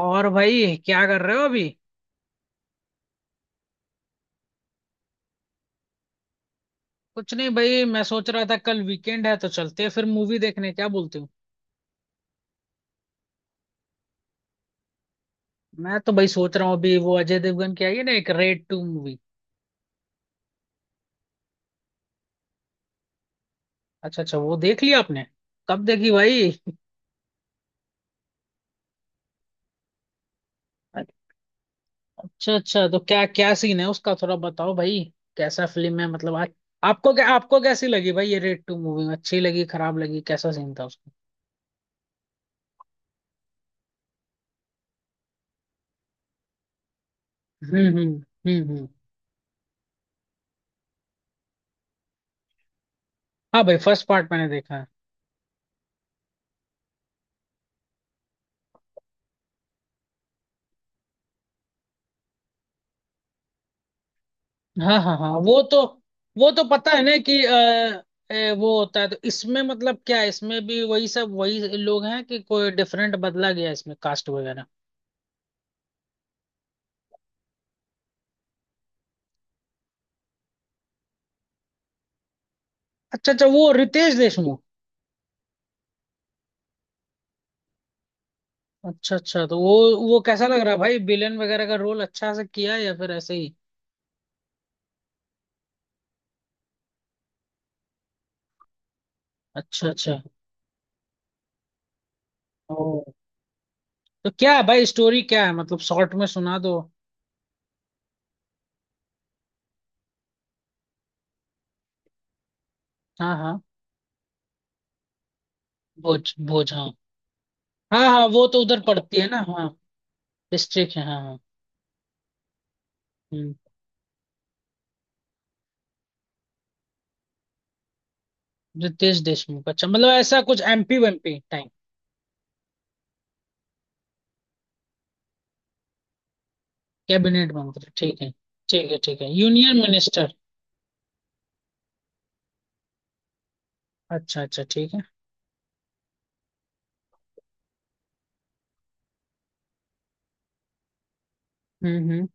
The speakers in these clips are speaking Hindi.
और भाई क्या कर रहे हो अभी। कुछ नहीं भाई, मैं सोच रहा था कल वीकेंड है तो चलते हैं फिर मूवी देखने, क्या बोलते हो? मैं तो भाई सोच रहा हूँ अभी वो अजय देवगन की आई है ना, एक रेड टू मूवी। अच्छा अच्छा, वो देख लिया आपने? कब देखी भाई? अच्छा अच्छा, तो क्या क्या सीन है उसका, थोड़ा बताओ भाई। कैसा फिल्म है मतलब आपको क्या, आपको कैसी लगी भाई ये रेड टू मूवी? अच्छी लगी, खराब लगी? कैसा सीन था उसका? हम्म। हाँ भाई, फर्स्ट पार्ट मैंने देखा है। हाँ हाँ हाँ, वो तो, वो तो पता है ना कि वो होता है, तो इसमें मतलब क्या है? इसमें भी वही सब, वही लोग हैं कि कोई डिफरेंट बदला गया है इसमें कास्ट वगैरह? अच्छा अच्छा, वो रितेश देशमुख। अच्छा अच्छा, तो वो कैसा लग रहा है भाई विलेन वगैरह का रोल? अच्छा से किया है या फिर ऐसे ही? अच्छा अच्छा। ओ, तो क्या है भाई स्टोरी, क्या है मतलब, शॉर्ट में सुना दो। हाँ हाँ। भोज भोज हाँ। हाँ हाँ, वो तो उधर पड़ती है ना, हाँ। डिस्ट्रिक्ट है, हाँ हाँ। हम्म, रितेश देशमुख, अच्छा, मतलब ऐसा कुछ एमपी वेमपी? कैबिनेट मंत्री, ठीक है। ठीक है ठीक है, यूनियन मिनिस्टर। अच्छा अच्छा ठीक है। हम्म।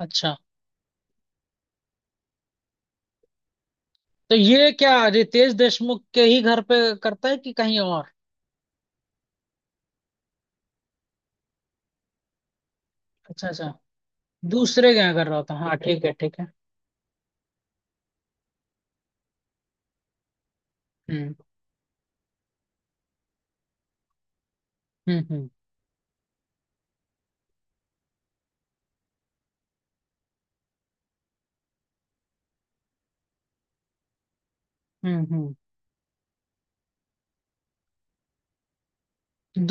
अच्छा, तो ये क्या रितेश देशमुख के ही घर पे करता है कि कहीं और? अच्छा अच्छा, दूसरे के यहाँ कर रहा होता है, हाँ ठीक है ठीक है। हम्म हम्म हम्म हम्म।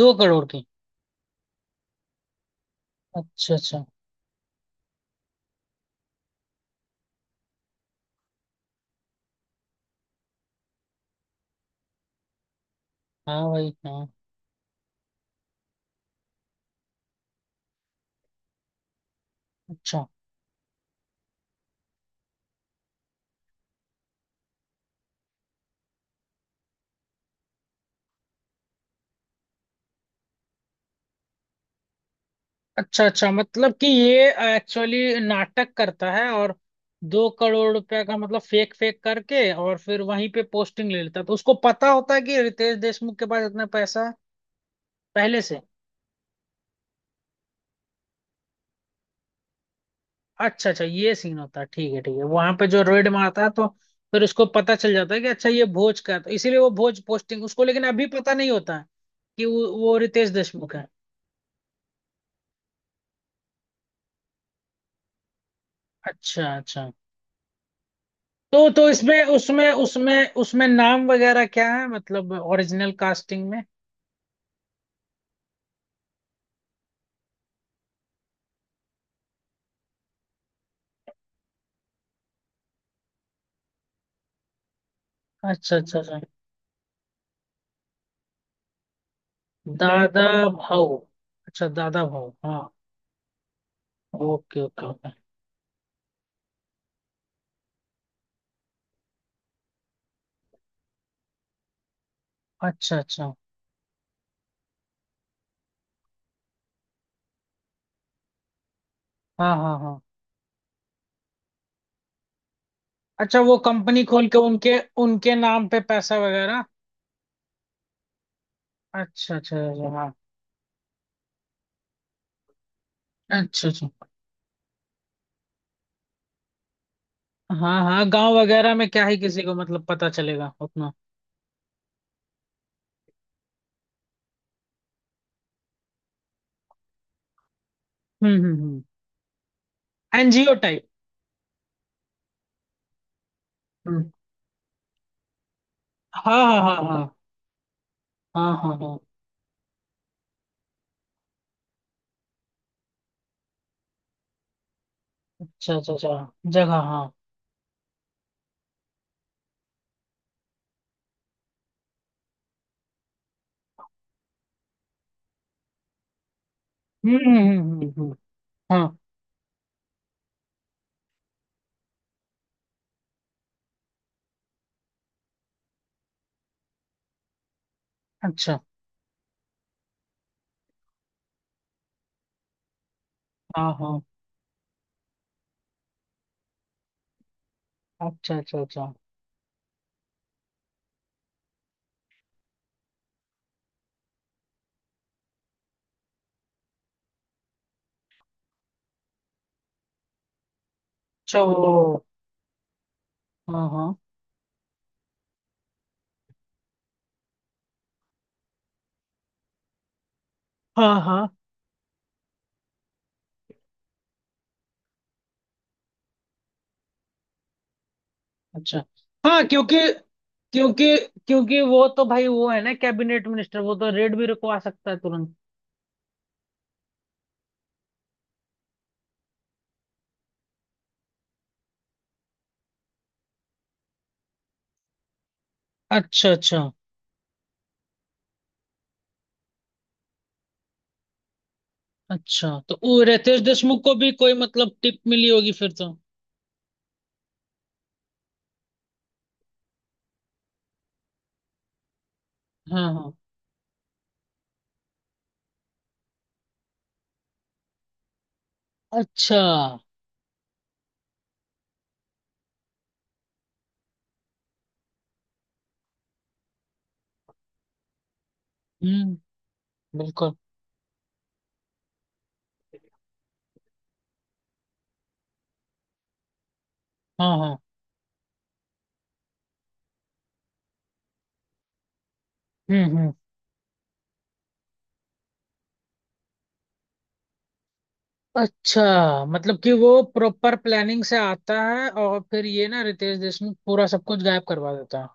2 करोड़ की। अच्छा अच्छा। हाँ भाई हाँ। अच्छा अच्छा अच्छा, मतलब कि ये एक्चुअली नाटक करता है और 2 करोड़ रुपए का मतलब फेक फेक करके और फिर वहीं पे पोस्टिंग ले लेता है, तो उसको पता होता है कि रितेश देशमुख के पास इतना पैसा है पहले से। अच्छा अच्छा, ये सीन होता है, ठीक है ठीक है, वहां पे जो रेड मारता है, तो फिर उसको पता चल जाता है कि अच्छा, ये भोज का है, तो इसीलिए वो भोज पोस्टिंग उसको, लेकिन अभी पता नहीं होता है कि वो रितेश देशमुख है। अच्छा अच्छा, तो इसमें उसमें उसमें उसमें नाम वगैरह क्या है, मतलब ओरिजिनल कास्टिंग में? अच्छा अच्छा अच्छा। दादा भाऊ। अच्छा, दादा भाऊ हाँ। Okay okay okay. अच्छा अच्छा हाँ हाँ हाँ। अच्छा, वो कंपनी खोल के उनके उनके नाम पे पैसा वगैरह। अच्छा अच्छा अच्छा हाँ। अच्छा अच्छा, हाँ हाँ, गांव वगैरह में क्या ही किसी को मतलब पता चलेगा उतना। हम्म, एनजीओ टाइप। हम्म। हाँ हाँ हाँ हाँ। हाँ हाँ हाँ। अच्छा अच्छा अच्छा, जगह हाँ। हम्म हम्म हम्म हम्म हम्म, हाँ। अच्छा। हाँ हाँ। अच्छा अच्छा अच्छा। अच्छा वो। हाँ हाँ हाँ हाँ। अच्छा हाँ, क्योंकि क्योंकि क्योंकि वो तो भाई वो है ना कैबिनेट मिनिस्टर, वो तो रेड भी रुकवा सकता है तुरंत। अच्छा अच्छा अच्छा, तो वो रितेश देशमुख को भी कोई मतलब टिप मिली होगी फिर तो। हाँ हाँ। अच्छा। हम्म, बिल्कुल। हाँ हाँ। हम्म। अच्छा, मतलब कि वो प्रॉपर प्लानिंग से आता है और फिर ये ना रितेश देशमुख पूरा सब कुछ गायब करवा देता है।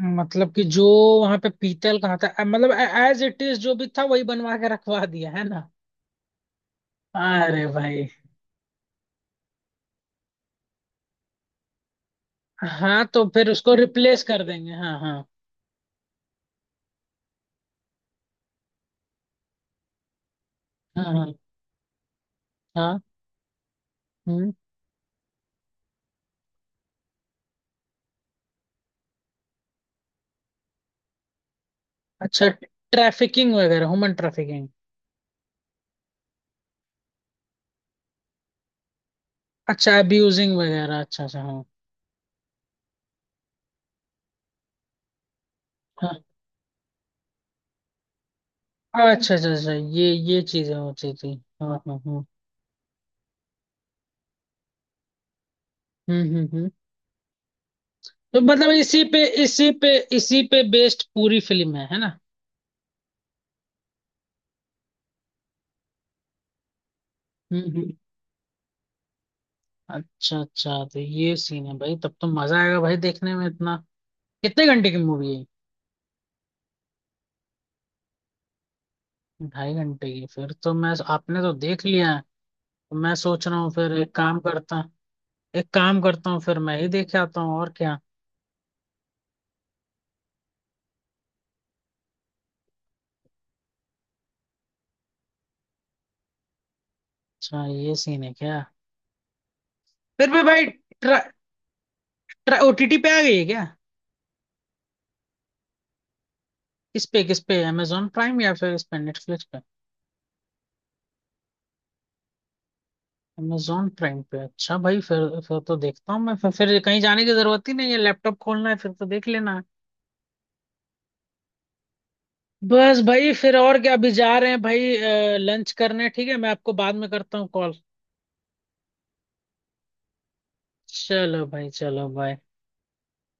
मतलब कि जो वहां पे पीतल कहाँ था मतलब एज इट इज जो भी था वही बनवा के रखवा दिया है ना। अरे भाई। हाँ, तो फिर उसको रिप्लेस कर देंगे, हाँ हाँ। हाँ हाँ हाँ। हम्म। अच्छा, ट्रैफिकिंग वगैरह, ह्यूमन ट्रैफिकिंग। अच्छा, अब्यूजिंग वगैरह, अच्छा अच्छा हाँ। हाँ, अच्छा अच्छा अच्छा, ये चीजें होती थी। हाँ हाँ हाँ। हम्म। तो मतलब इसी पे बेस्ड पूरी फिल्म है ना? हम्म। अच्छा अच्छा, तो ये सीन है भाई, तब तो मजा आएगा भाई देखने में इतना। कितने घंटे की मूवी है? 2.5 घंटे की, फिर तो मैं, आपने तो देख लिया है। तो मैं सोच रहा हूँ फिर एक काम करता हूँ, फिर मैं ही देख आता हूँ और क्या। अच्छा, ये सीन है क्या? फिर भी भाई ट्रा, ट्रा, ओटीटी पे आ गई है क्या? किस पे किस पे, अमेजोन प्राइम या फिर इस पे नेटफ्लिक्स पे? अमेजोन प्राइम पे, अच्छा भाई फिर तो देखता हूँ मैं, फिर कहीं जाने की जरूरत ही नहीं है, लैपटॉप खोलना है फिर तो देख लेना है। बस भाई, फिर और क्या, अभी जा रहे हैं भाई लंच करने, ठीक है मैं आपको बाद में करता हूँ कॉल। चलो भाई, चलो बाय।